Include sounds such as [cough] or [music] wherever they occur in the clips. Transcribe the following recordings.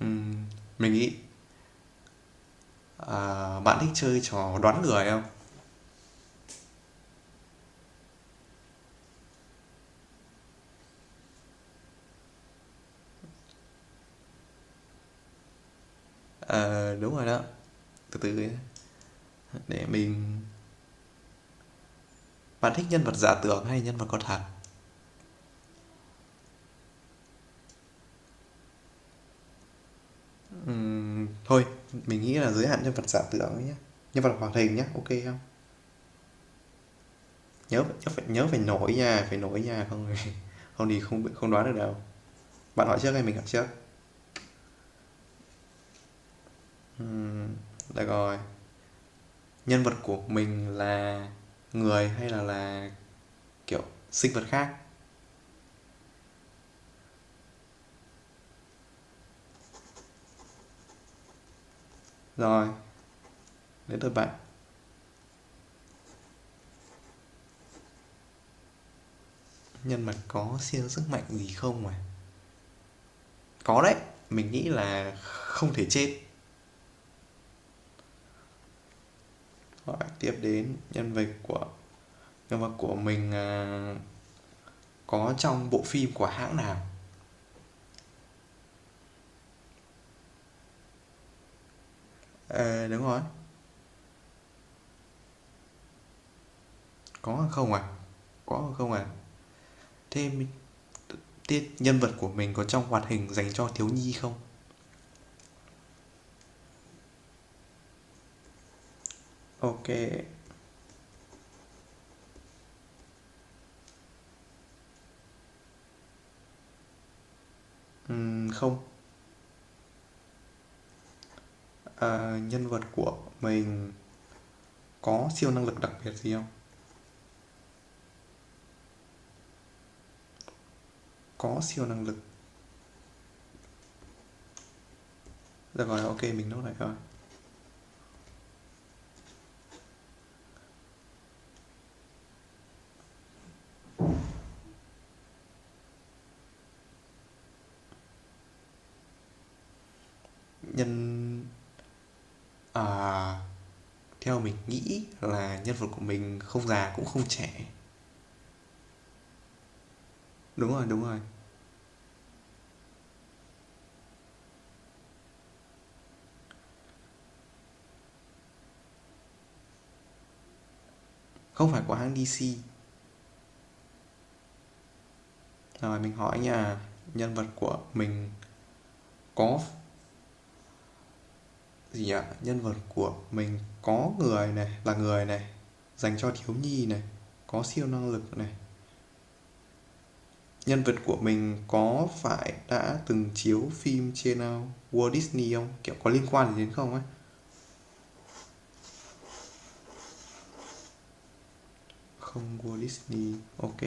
Ừm, mình nghĩ bạn thích chơi trò đoán người không? Ờ, đúng rồi đó. Từ từ nhé. Để mình Bạn thích nhân vật giả tưởng hay nhân vật có thật? Thôi, mình nghĩ là giới hạn nhân vật giả tưởng ấy nhé. Nhân vật hoạt hình nhé, ok không? Nhớ nhớ phải nổi nha không thì [laughs] không thì không không đoán được đâu. Bạn hỏi trước hay mình hỏi trước? Được rồi. Nhân vật của mình là người hay là kiểu sinh vật khác? Rồi, đến lượt bạn. Nhân vật có siêu sức mạnh gì không à? Có đấy, mình nghĩ là không thể chết. Hỏi tiếp đến nhân vật của mình, có trong bộ phim của hãng nào? Ờ, đúng rồi, có hoặc không à? Có hoặc không à? Thế m Nhân vật của mình có trong hoạt hình dành cho thiếu nhi không? Ok kê, không. Ờ, nhân vật của mình có siêu năng lực đặc biệt gì không? Có siêu năng lực. Được rồi, ok mình nốt lại rồi. Nhân à, Theo mình nghĩ là nhân vật của mình không già cũng không trẻ. Đúng rồi, đúng rồi. Không phải của hãng DC. Rồi mình hỏi nhân vật của mình có gì nhỉ? Nhân vật của mình có người này, là người này, dành cho thiếu nhi này, có siêu năng lực này. Nhân vật của mình có phải đã từng chiếu phim trên Walt Disney không? Kiểu có liên quan gì đến không ấy? Không Walt Disney. Ok.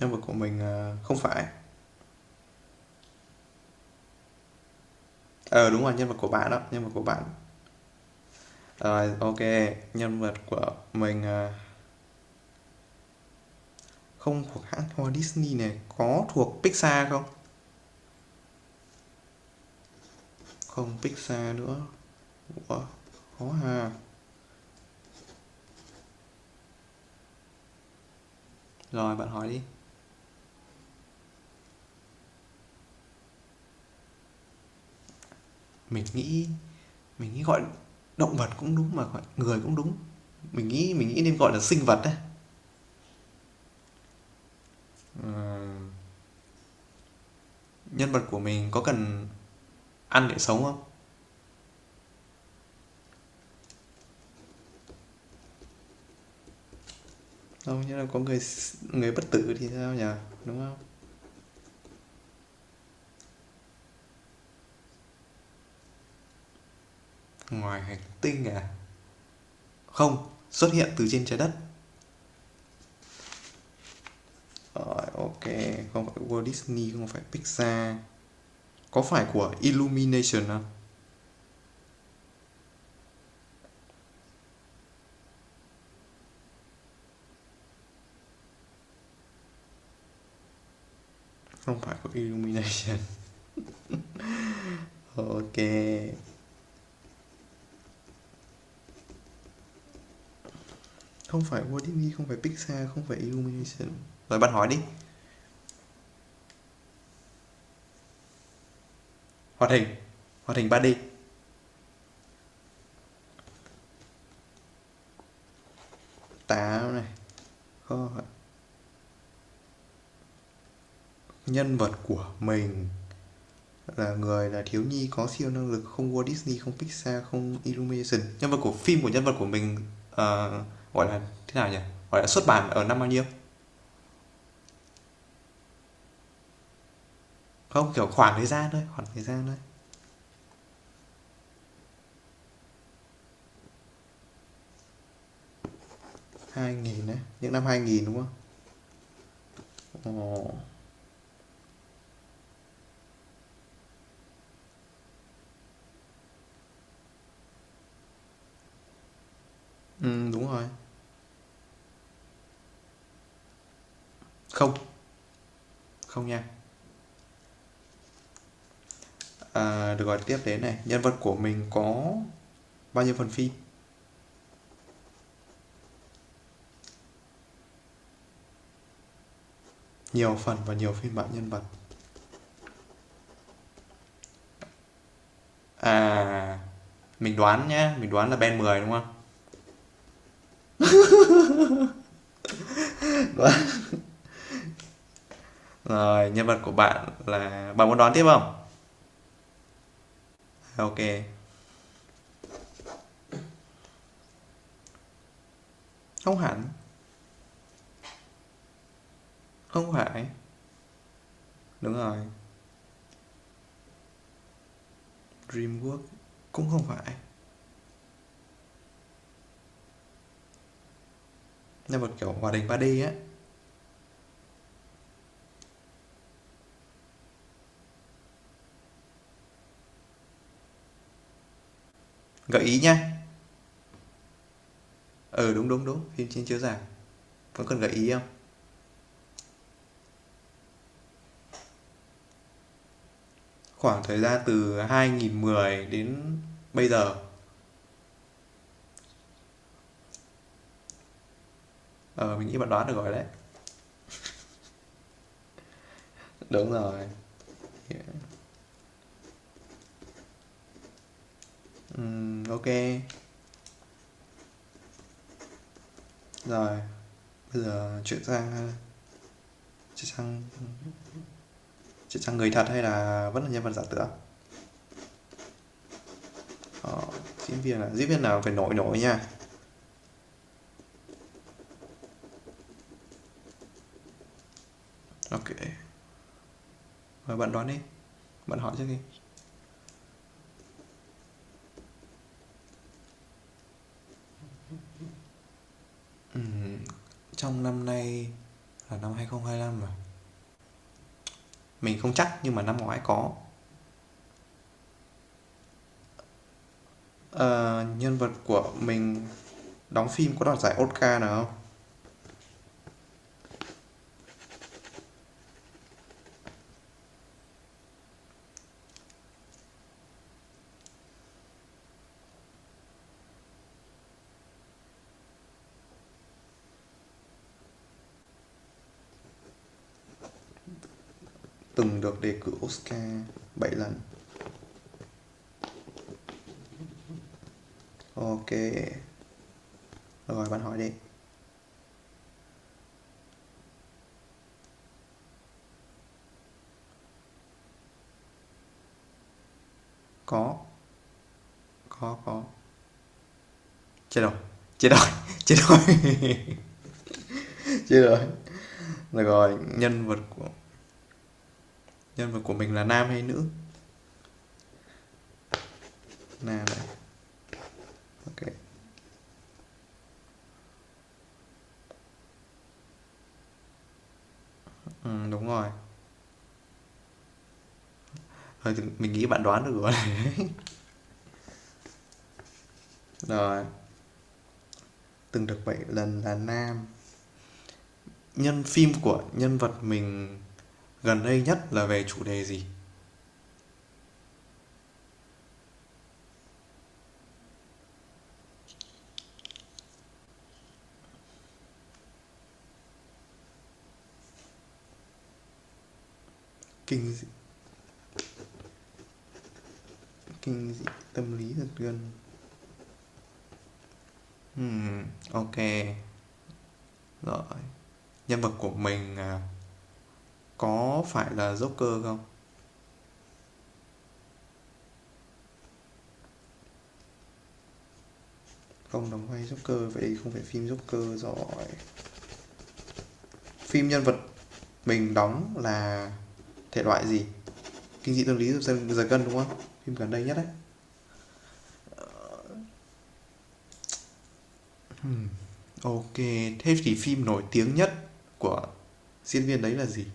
Nhân vật của mình không phải. Ờ đúng rồi, nhân vật của bạn đó, nhân vật của bạn. Rồi ok, nhân vật của mình không thuộc hãng Walt Disney này, có thuộc Pixar không? Không Pixar nữa. Ủa, khó hà. Rồi bạn hỏi đi. Mình nghĩ mình nghĩ gọi động vật cũng đúng mà gọi người cũng đúng. Mình nghĩ nên gọi là sinh vật đấy. Ờ, nhân vật của mình có cần ăn để sống không? Không, nhưng là có người người bất tử thì sao nhỉ, đúng không? Ngoài hành tinh à? Không xuất hiện từ trên trái đất. Rồi ok, không phải Walt Disney, không phải Pixar. Có phải của Illumination không? Không phải của Illumination. [laughs] Ok. Không phải Walt Disney, không phải Pixar, không phải Illumination. Rồi bạn hỏi đi. Hoạt hình Hoạt hình 3D. Táo này. Kho- Nhân vật của mình là người, là thiếu nhi, có siêu năng lực. Không Walt Disney, không Pixar, không Illumination. Nhân vật của phim của nhân vật của mình, ờ, gọi là thế nào nhỉ? Gọi là xuất bản ở năm bao nhiêu? Không, kiểu khoảng thời gian thôi. Khoảng thời gian thôi. 2000 đấy. Những năm 2000 đúng không? Ồ, ừ, đúng rồi. Không. Không nha. À, được gọi tiếp đến này, nhân vật của mình có bao nhiêu phần phim? Nhiều phần và nhiều phiên bản nhân vật. À, mình đoán nhá, mình đoán là Ben 10 đúng không? Rồi, nhân vật của bạn là bạn muốn đoán tiếp không? Ok. Không hẳn, không phải. Đúng rồi, Dreamworks cũng không phải. Nhân vật kiểu hoạt hình 3D á. Gợi ý nhá. Ừ đúng đúng đúng, phim trên chiếu rạp. Có cần gợi ý không? Khoảng thời gian từ 2010 đến bây giờ. Ờ, mình nghĩ bạn đoán được rồi đấy. Đúng rồi. Ô. Rồi, bây giờ chuyển sang, a, chuyển sang chuyển sang người thật hay là vẫn là nhân vật giả tưởng? Ờ, diễn viên à? Diễn viên nào phải nổi nổi nha. Ok kê, rồi bạn đoán đi, bạn hỏi trước đi. Ừm, Trong năm nay là năm 2025 mà. Mình không chắc nhưng mà năm ngoái có. Ờ, nhân vật của mình đóng phim có đoạt giải Oscar nào không? Từng được đề cử Oscar 7 lần. Ok, rồi bạn hỏi đi. Có, có, có. Chết rồi, chết rồi, chết rồi. [laughs] Chết rồi. Được rồi, nhân vật của mình là nam hay nữ? Nam này. Ok. Ừ, đúng rồi. Rồi mình nghĩ bạn đoán được rồi. [laughs] Rồi, từng được 7 lần, là nam. Nhân phim của nhân vật mình gần đây nhất là về chủ đề gì? kinh dị- Kinh dị tâm lý thực dân. Ừm, ok, rồi nhân vật của mình, có phải là Joker không? Không đóng vai Joker, vậy không phải phim Joker rồi. Phim nhân vật mình đóng là thể loại gì? Kinh dị tâm lý giật giật gân đúng không? Phim gần đây nhất đấy. Ừm, ok, thế thì phim nổi tiếng nhất của diễn viên đấy là gì?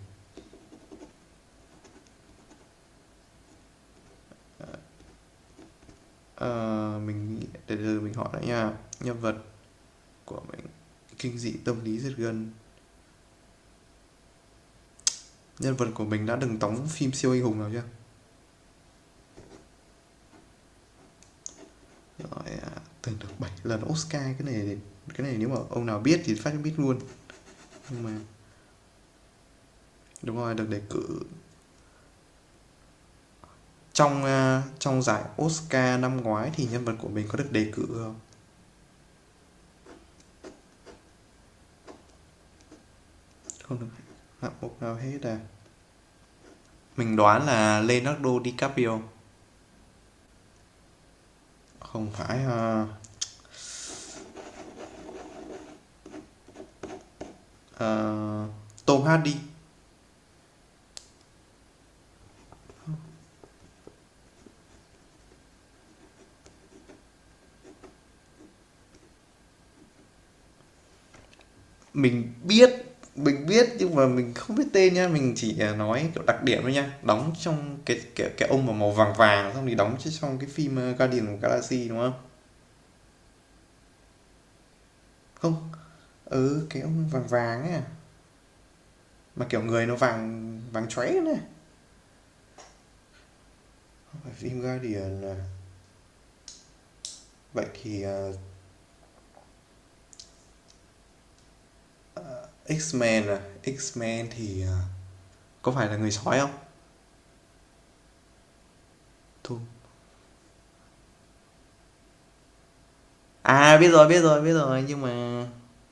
Ờ, mình để giờ mình hỏi lại nha. Nhân vật của mình kinh dị tâm lý giật gân. Nhân vật của mình đã từng đóng phim siêu anh hùng nào chưa? Rồi à, từng được 7 lần Oscar. Cái này cái này nếu mà ông nào biết thì phát biết luôn. Nhưng mà đúng rồi, được đề cử trong trong giải Oscar năm ngoái thì nhân vật của mình có được đề cử không? Không được hạng mục nào hết à? Mình đoán là Leonardo DiCaprio. Không phải. Ờ, ờ, Tom Hardy. Mình biết mình biết nhưng mà mình không biết tên nha, mình chỉ nói kiểu đặc điểm thôi nha, đóng trong cái cái ông mà màu vàng vàng, xong thì đóng trong cái phim Guardian of Galaxy đúng không? Không, ừ, cái ông vàng vàng ấy à? Mà kiểu người nó vàng vàng chóe nữa. Phim Guardian à? Vậy thì, X-Men à? X-Men thì, có phải là người sói không? Thu. À, biết rồi, biết rồi, biết rồi, nhưng mà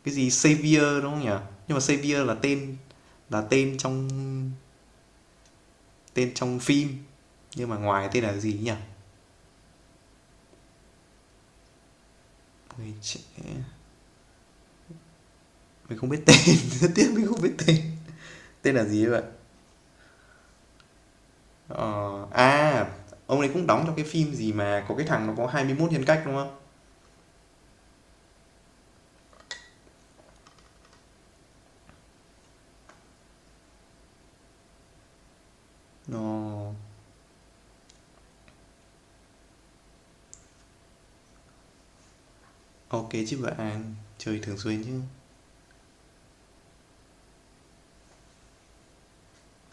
cái gì Xavier đúng không nhỉ? Nhưng mà Xavier là tên trong phim, nhưng mà ngoài tên là gì nhỉ? Người trẻ. Mình không biết tên, [laughs] rất tiếc mình không biết tên. Tên là gì vậy? Ờ, à, ông ấy cũng đóng trong cái phim gì mà có cái thằng nó có 21 nhân cách đúng không? Ồ, ok chứ bạn, chơi thường xuyên chứ.